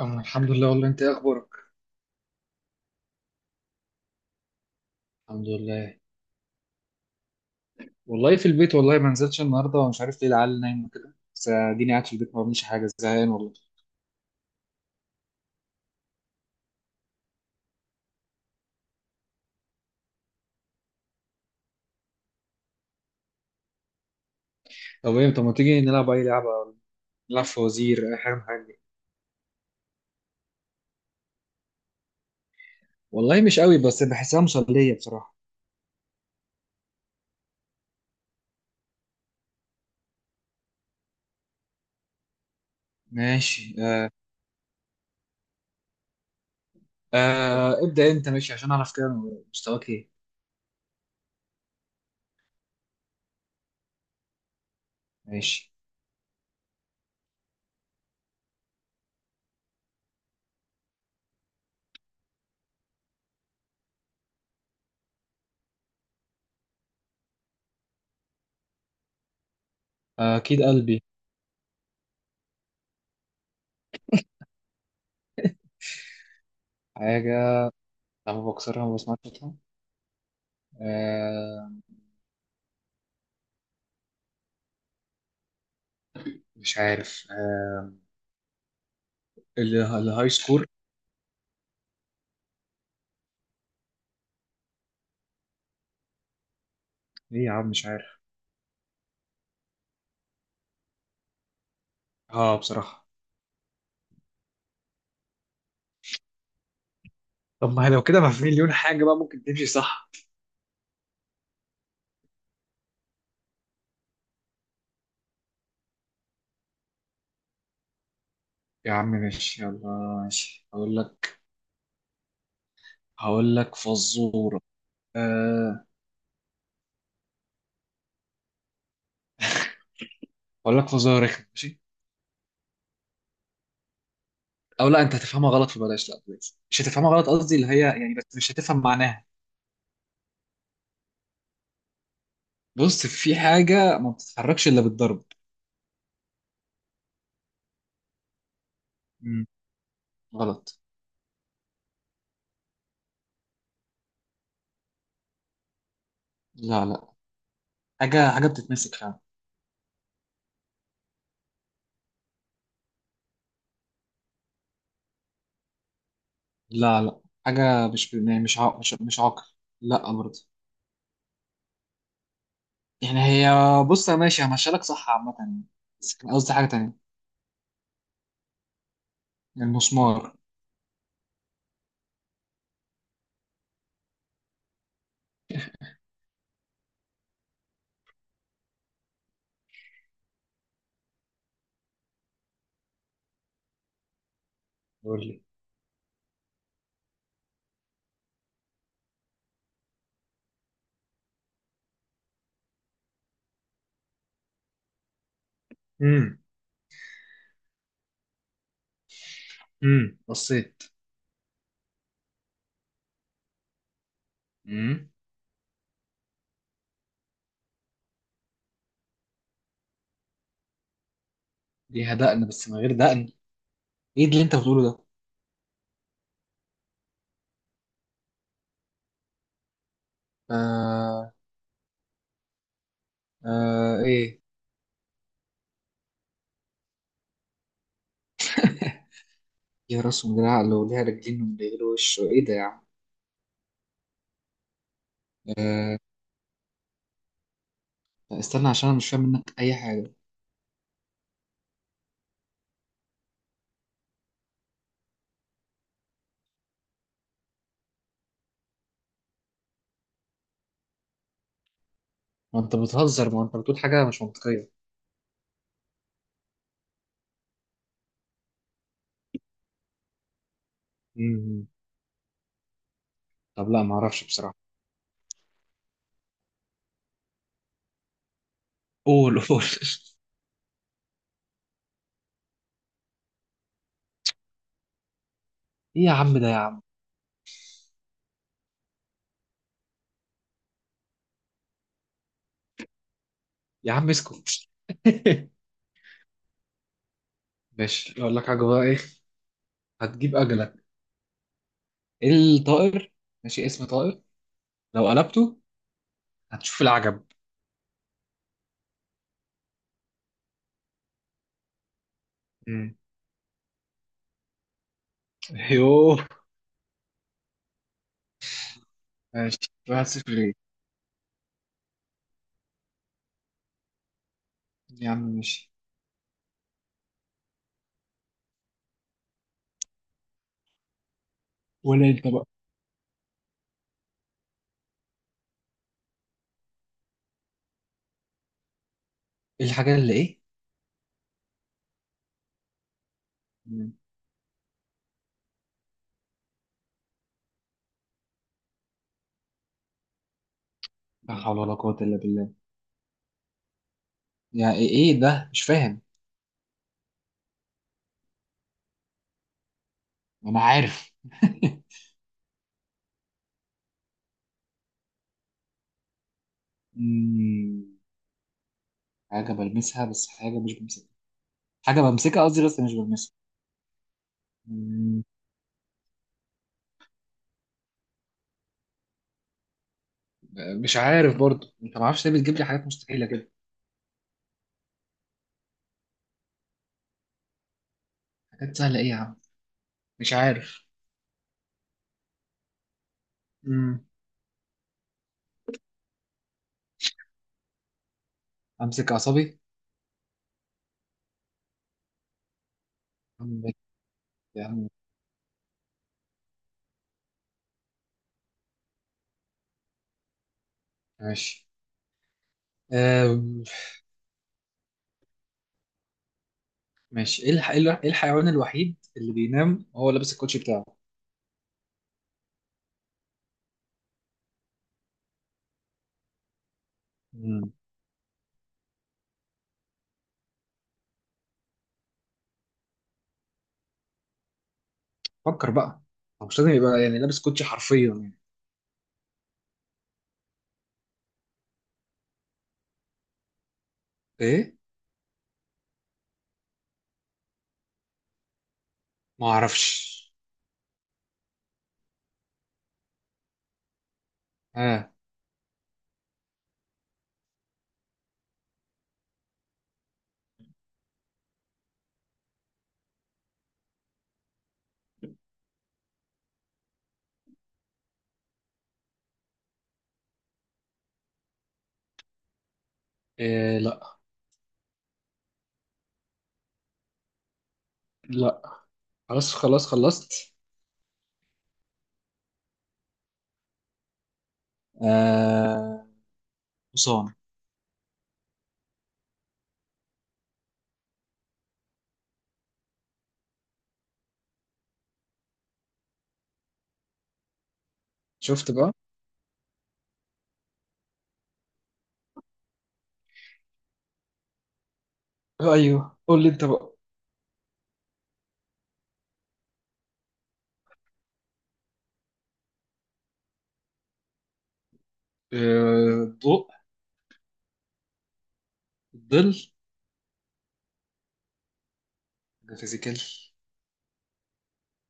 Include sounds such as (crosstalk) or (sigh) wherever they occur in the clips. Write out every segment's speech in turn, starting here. أنا الحمد لله. والله أنت إيه أخبارك؟ الحمد لله. والله في البيت، والله ما نزلتش النهاردة ومش عارف ليه العيال نايمة كده، بس أديني قاعد في البيت ما بعملش حاجة، زهقان والله. طب إيه، طب ما تيجي نلعب أي لعبة، نلعب فوازير أي حاجة من الحاجات دي. والله مش قوي بس بحسها مسلية بصراحة. ماشي آه. آه. ابدأ أنت ماشي عشان أعرف كده مستواك إيه. ماشي آه، أكيد قلبي. حاجة لما بكسرها ما بسمعش صوتها. آه. مش عارف آه. اللي الهاي سكور. إيه يا عم مش عارف. اه بصراحة. طب ما هي لو كده ما في مليون حاجة بقى ممكن تمشي، صح؟ يا عم ماشي يلا. ماشي، هقول لك فزورة. أه، هقول لك فزورة رخمة، ماشي. أو لا أنت هتفهمها غلط، فبلاش، لا بلاش مش هتفهمها غلط قصدي، اللي هي يعني بس مش هتفهم معناها. بص، في حاجة ما بتتحركش إلا بالضرب. مم. غلط. لا لا، حاجة بتتمسك فعلا. لا لا، حاجة مش يعني مش عق... مش مش عاقل لا برضه. يعني هي، بص يا ماشي همشيلك صح عامة، بس كان قصدي حاجة تانية. المسمار. قول لي. امم بصيت. امم ليها دقن بس من غير دقن. ايه اللي انت بتقوله ده؟ آه، آه ايه. (laughs) ليها راس ومن غير عقل، وليها رجلين ومن غير وش، ايه ده يا عم؟ آه. لا، استنى عشان انا مش فاهم منك اي حاجه. ما انت بتهزر، ما انت بتقول حاجه مش منطقيه. امم طب لا ما اعرفش بصراحه. قول قول. (laughs) ايه يا عم ده يا عم. يا عم اسكت. (laughs) ماشي، اقول لك حاجه بقى ايه. هتجيب اجلك. الطائر، ماشي اسم طائر، لو قلبته هتشوف العجب. يوه. ماشي. واحد صفر ليه. يا عم ماشي. ولا انت بقى، ايه الحاجة اللي ايه؟ مم. لا حول ولا قوة إلا بالله. يعني ايه؟ إيه ده مش فاهم. أنا عارف. (laughs) مم. حاجة بلمسها بس حاجة مش بمسكها، حاجة بمسكها قصدي بس مش بلمسها. مم. مش عارف برضو، انت ما اعرفش ليه بتجيب لي حاجات مستحيلة كده. حاجات سهلة ايه يا عم؟ مش عارف. مم. امسك اعصابي. أمسك- يا عم ماشي آه، ماشي، إيه الحيوان الوحيد اللي بينام وهو لابس الكوتشي بتاعه. مم. فكر بقى، هو مش لازم يبقى يعني لابس كوتشي حرفيا يعني. ايه، ما اعرفش. اه. إيه؟ لا. لا، خلاص خلاص خلصت. آه، حصان. شفت بقى. آه، ايوه قول لي انت بقى. آه، الضوء. الظل. حاجه فيزيكال،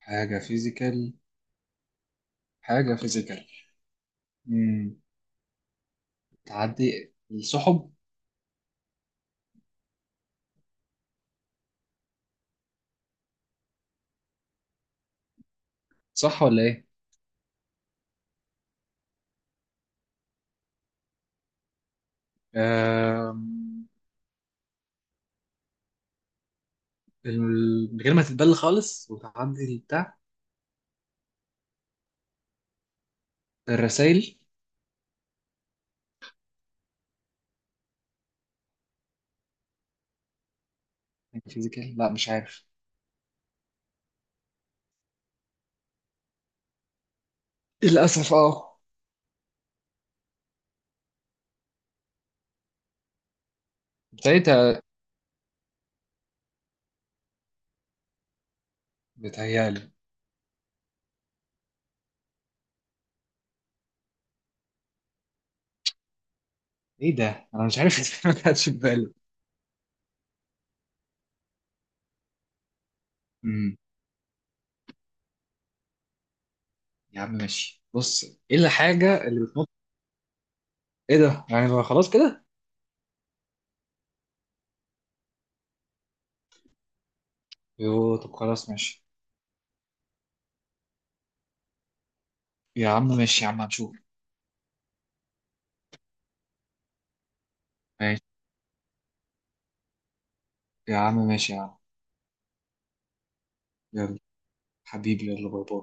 حاجه فيزيكال، حاجه فيزيكال. مم. تعدي السحب، صح ولا ايه؟ آه، من غير ما تتبل خالص وتعدي البتاع. الرسائل. فيزيكال، لا مش عارف. للأسف اه. بدايتها، بتهيألي. ايه ده؟ انا مش عارف. (laughs) إزاي ما كانتش في بالي. امم يا عم ماشي، بص، ايه الحاجة اللي بتنط؟ ايه ده؟ يعني بقى خلاص كده؟ يوه، طب خلاص ماشي. يا عم ماشي يا عم هنشوف. ماشي يا عم ماشي يا عم. يلا. حبيبي يلا، باي باي.